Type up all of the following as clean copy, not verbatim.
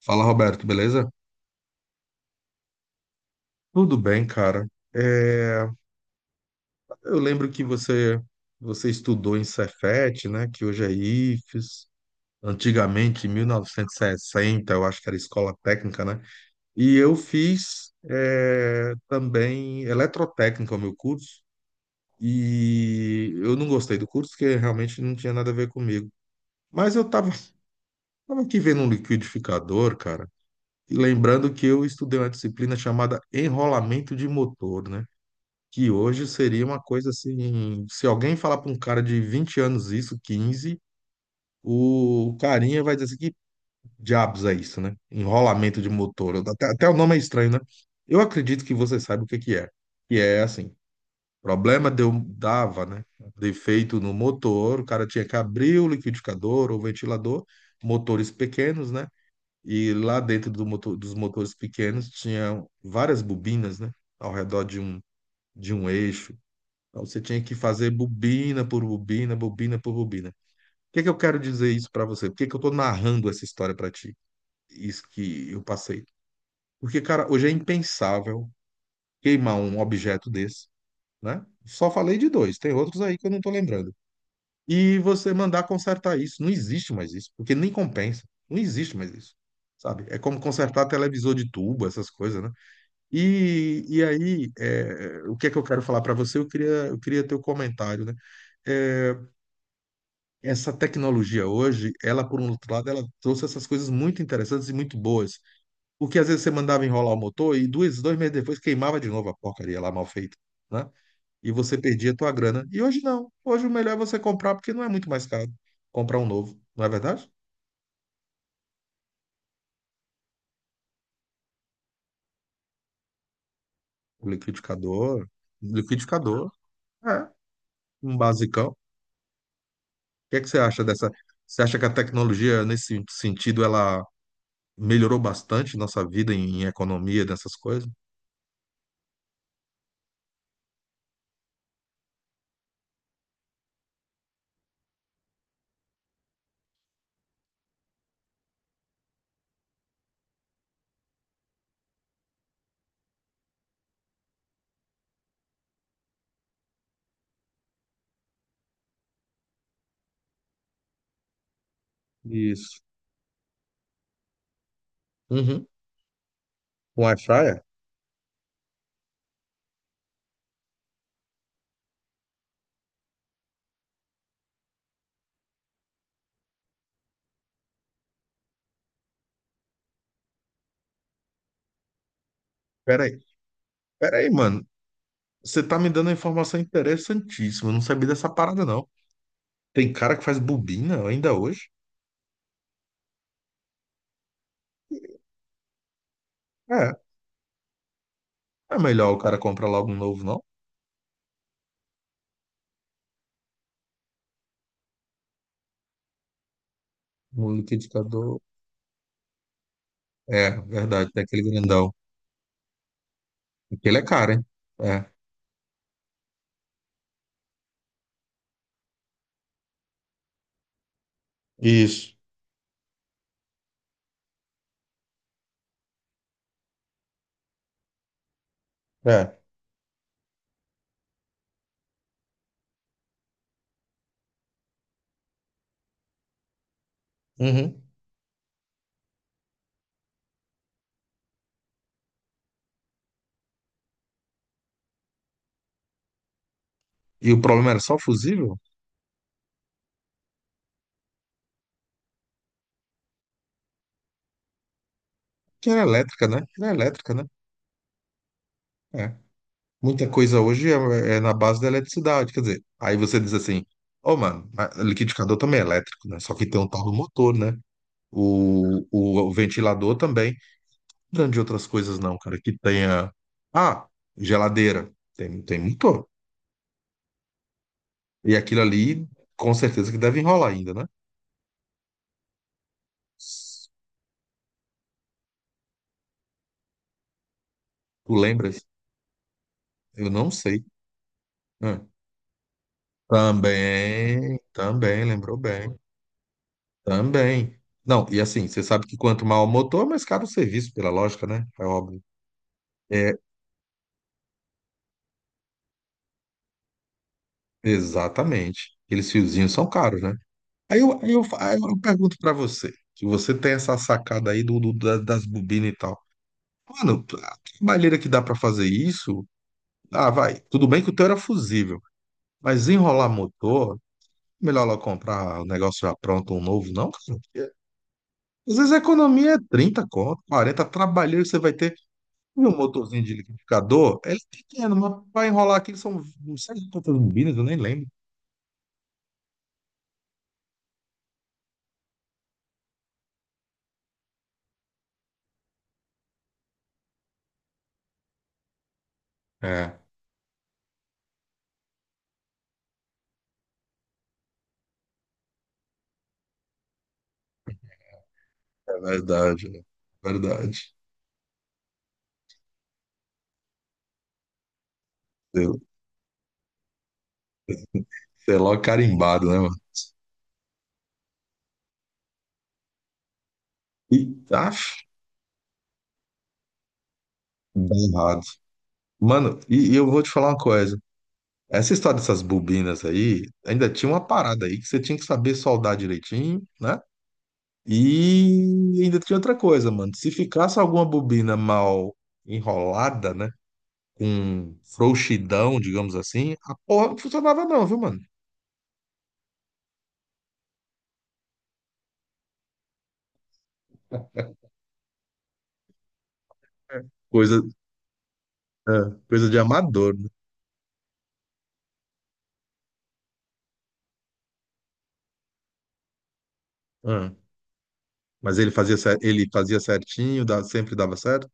Fala, Roberto, beleza? Tudo bem, cara. É, eu lembro que você estudou em Cefet, né? Que hoje é IFES. Antigamente, em 1960, eu acho que era escola técnica, né? E eu fiz também eletrotécnica, o meu curso. E eu não gostei do curso, porque realmente não tinha nada a ver comigo. Mas eu tava, tava aqui vendo um liquidificador, cara. E lembrando que eu estudei uma disciplina chamada enrolamento de motor, né? Que hoje seria uma coisa assim, se alguém falar para um cara de 20 anos isso, 15, o carinha vai dizer assim, que diabos é isso, né? Enrolamento de motor, até o nome é estranho, né? Eu acredito que você sabe o que que é assim, problema deu, dava, né? Defeito no motor, o cara tinha que abrir o liquidificador ou ventilador, motores pequenos, né? E lá dentro do motor, dos motores pequenos tinha várias bobinas, né? Ao redor de um eixo. Então, você tinha que fazer bobina por bobina, bobina por bobina. O que é que eu quero dizer isso pra você? Por que que eu tô narrando essa história pra ti? Isso que eu passei. Porque, cara, hoje é impensável queimar um objeto desse, né? Só falei de dois, tem outros aí que eu não tô lembrando. E você mandar consertar isso, não existe mais isso, porque nem compensa. Não existe mais isso. Sabe? É como consertar televisor de tubo, essas coisas, né? E aí, o que é que eu quero falar pra você? Eu queria teu comentário, né? É, essa tecnologia hoje, ela, por um outro lado, ela trouxe essas coisas muito interessantes e muito boas. Porque às vezes você mandava enrolar o motor e dois meses depois queimava de novo a porcaria lá mal feita, né? E você perdia a tua grana. E hoje não. Hoje o melhor é você comprar, porque não é muito mais caro comprar um novo, não é verdade? O liquidificador, Um liquidificador, é, um basicão. O que é que você acha dessa? Você acha que a tecnologia, nesse sentido, ela melhorou bastante nossa vida em economia, dessas coisas? Isso. Uhum. Com air fryer? Peraí, peraí, mano. Você tá me dando uma informação interessantíssima. Eu não sabia dessa parada, não. Tem cara que faz bobina ainda hoje? É, é melhor o cara comprar logo um novo, não? Um liquidificador. É, verdade, tem aquele grandão. Aquele é caro, hein? É. Isso. É. Uhum. E o problema era só fusível? Que era elétrica, né? Era elétrica, né? É. Muita coisa hoje é na base da eletricidade. Quer dizer, aí você diz assim, ô, mano, mas liquidificador também é elétrico, né? Só que tem um tal do motor, né? O ventilador também. Não de outras coisas, não, cara. Que tenha. Ah, geladeira. Tem motor. E aquilo ali, com certeza que deve enrolar ainda, né? Tu lembras? Eu não sei. Ah, também, também, lembrou bem. Também. Não, e assim, você sabe que quanto maior o motor, mais caro o serviço, pela lógica, né? É óbvio. É, exatamente. Aqueles fiozinhos são caros, né? Aí eu, aí eu, aí eu pergunto pra você, que você tem essa sacada aí das bobinas e tal. Mano, a trabalheira que dá pra fazer isso, ah, vai. Tudo bem que o teu era fusível, mas enrolar motor, melhor lá comprar o negócio já pronto, um novo, não, cara. Porque às vezes a economia é 30, conto, 40, trabalheiro que você vai ter. E o motorzinho de liquidificador, ele é pequeno, mas pra enrolar aqui são, não sei quantas bobinas, eu nem lembro. É, é verdade, né? Verdade. Sei sei lá, carimbado, né. E, Aff, dá errado. Mano, e eu vou te falar uma coisa. Essa história dessas bobinas aí, ainda tinha uma parada aí que você tinha que saber soldar direitinho, né? E ainda tinha outra coisa, mano. Se ficasse alguma bobina mal enrolada, né? Com frouxidão, digamos assim, a porra não funcionava não, viu, mano? É. Coisa, é, coisa de amador, né? Ah, mas ele fazia, ele fazia certinho, sempre dava certo?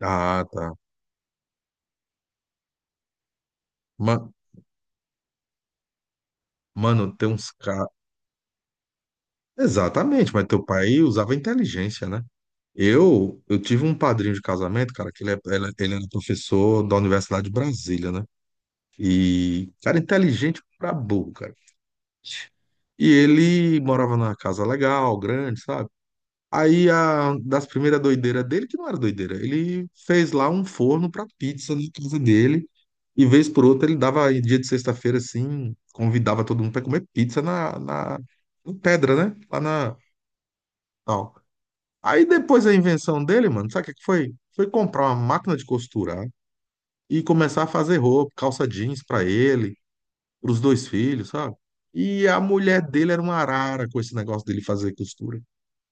Ah, tá. Ma- Mano, tem uns caras. Exatamente, mas teu pai usava inteligência, né? Eu tive um padrinho de casamento, cara, que ele, ele, ele era professor da Universidade de Brasília, né? E, cara, inteligente pra burro, cara. E ele morava numa casa legal, grande, sabe? Aí, das primeiras doideiras dele, que não era doideira, ele fez lá um forno pra pizza na casa dele. E vez por outra, ele dava, em dia de sexta-feira, assim, convidava todo mundo pra comer pizza na pedra, né? Lá na, tal. Aí depois a invenção dele, mano, sabe o que é que foi? Foi comprar uma máquina de costurar e começar a fazer roupa, calça jeans pra ele, pros dois filhos, sabe? E a mulher dele era uma arara com esse negócio dele fazer costura.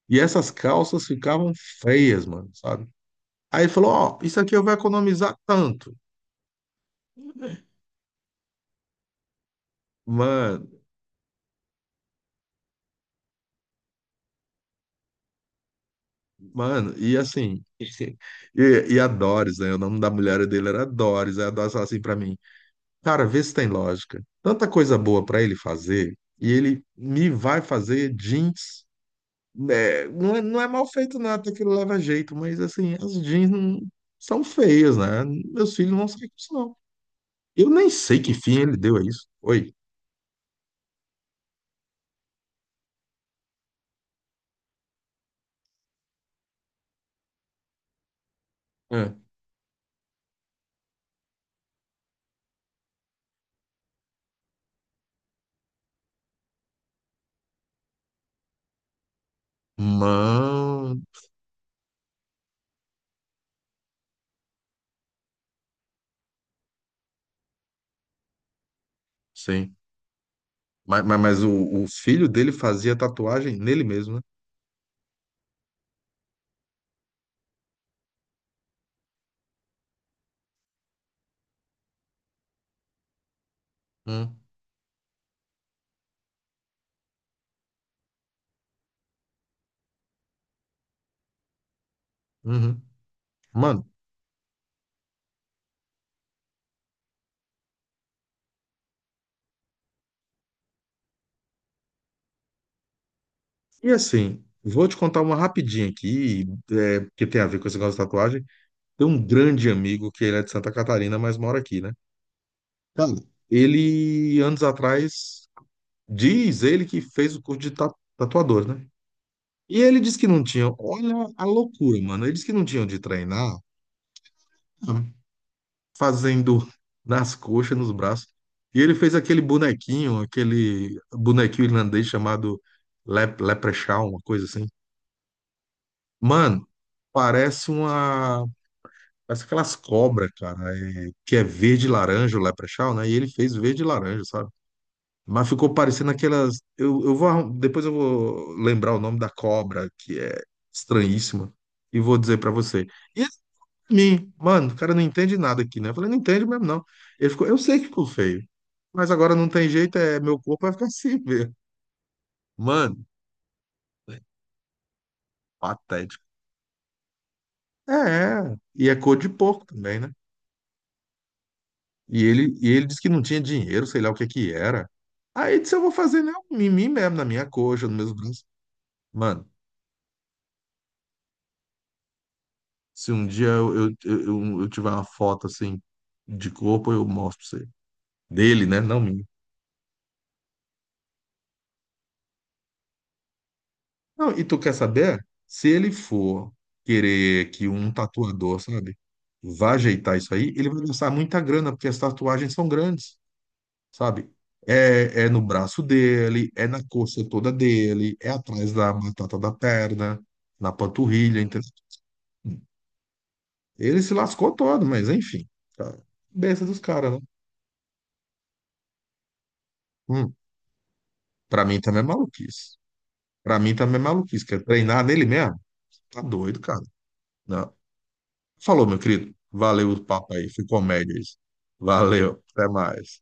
E essas calças ficavam feias, mano, sabe? Aí ele falou, ó, isso aqui eu vou economizar tanto. Mano, mano, e assim, e a Doris, né? O nome da mulher dele era Doris. Aí a Doris falou assim pra mim, cara, vê se tem lógica. Tanta coisa boa pra ele fazer e ele me vai fazer jeans. É, não é mal feito nada, aquilo leva jeito, mas assim, as jeans são feias, né? Meus filhos não saem com isso, não. Eu nem sei que fim ele deu a isso. Oi. É. Mano, sim. Mas o filho dele fazia tatuagem nele mesmo, né? Hum, uhum. Mano, e assim, vou te contar uma rapidinha aqui, que tem a ver com esse negócio de tatuagem. Tem um grande amigo que ele é de Santa Catarina, mas mora aqui, né? Cara, ele, anos atrás, diz ele que fez o curso de tatuador, né? E ele disse que não tinha, olha a loucura, mano. Ele disse que não tinha de treinar, ah, fazendo nas coxas, nos braços. E ele fez aquele bonequinho irlandês chamado Leprechaun, uma coisa assim. Mano, parece uma Parece aquelas cobras, cara, que é verde e laranja, o Leprechaun, né? E ele fez verde e laranja, sabe? Mas ficou parecendo aquelas. Eu vou. Depois eu vou lembrar o nome da cobra, que é estranhíssima, e vou dizer pra você. E esse, pra mim, mano, o cara não entende nada aqui, né? Eu falei, não entende mesmo, não. Ele ficou, eu sei que ficou feio, mas agora não tem jeito, é meu corpo vai ficar assim mesmo. Mano, patético. É, é. E é cor de porco também, né? E ele disse que não tinha dinheiro, sei lá o que que era. Aí disse, eu vou fazer, né, um em mim mesmo, na minha coxa, nos meus braços. Mano, se um dia eu tiver uma foto assim de corpo, eu mostro pra você. Dele, né? Não minha. Não, e tu quer saber? Se ele for querer que um tatuador, sabe, vá ajeitar isso aí, ele vai gastar muita grana, porque as tatuagens são grandes. Sabe? É, é no braço dele, é na coxa toda dele, é atrás da batata da perna, na panturrilha, entendeu? Ele se lascou todo, mas enfim. Tá. Besta dos caras, né? Hum, Pra mim também é maluquice. Pra mim também é maluquice. Quer treinar nele mesmo? Tá doido, cara. Não. Falou, meu querido. Valeu o papo aí. Foi comédia isso. Valeu. Até mais.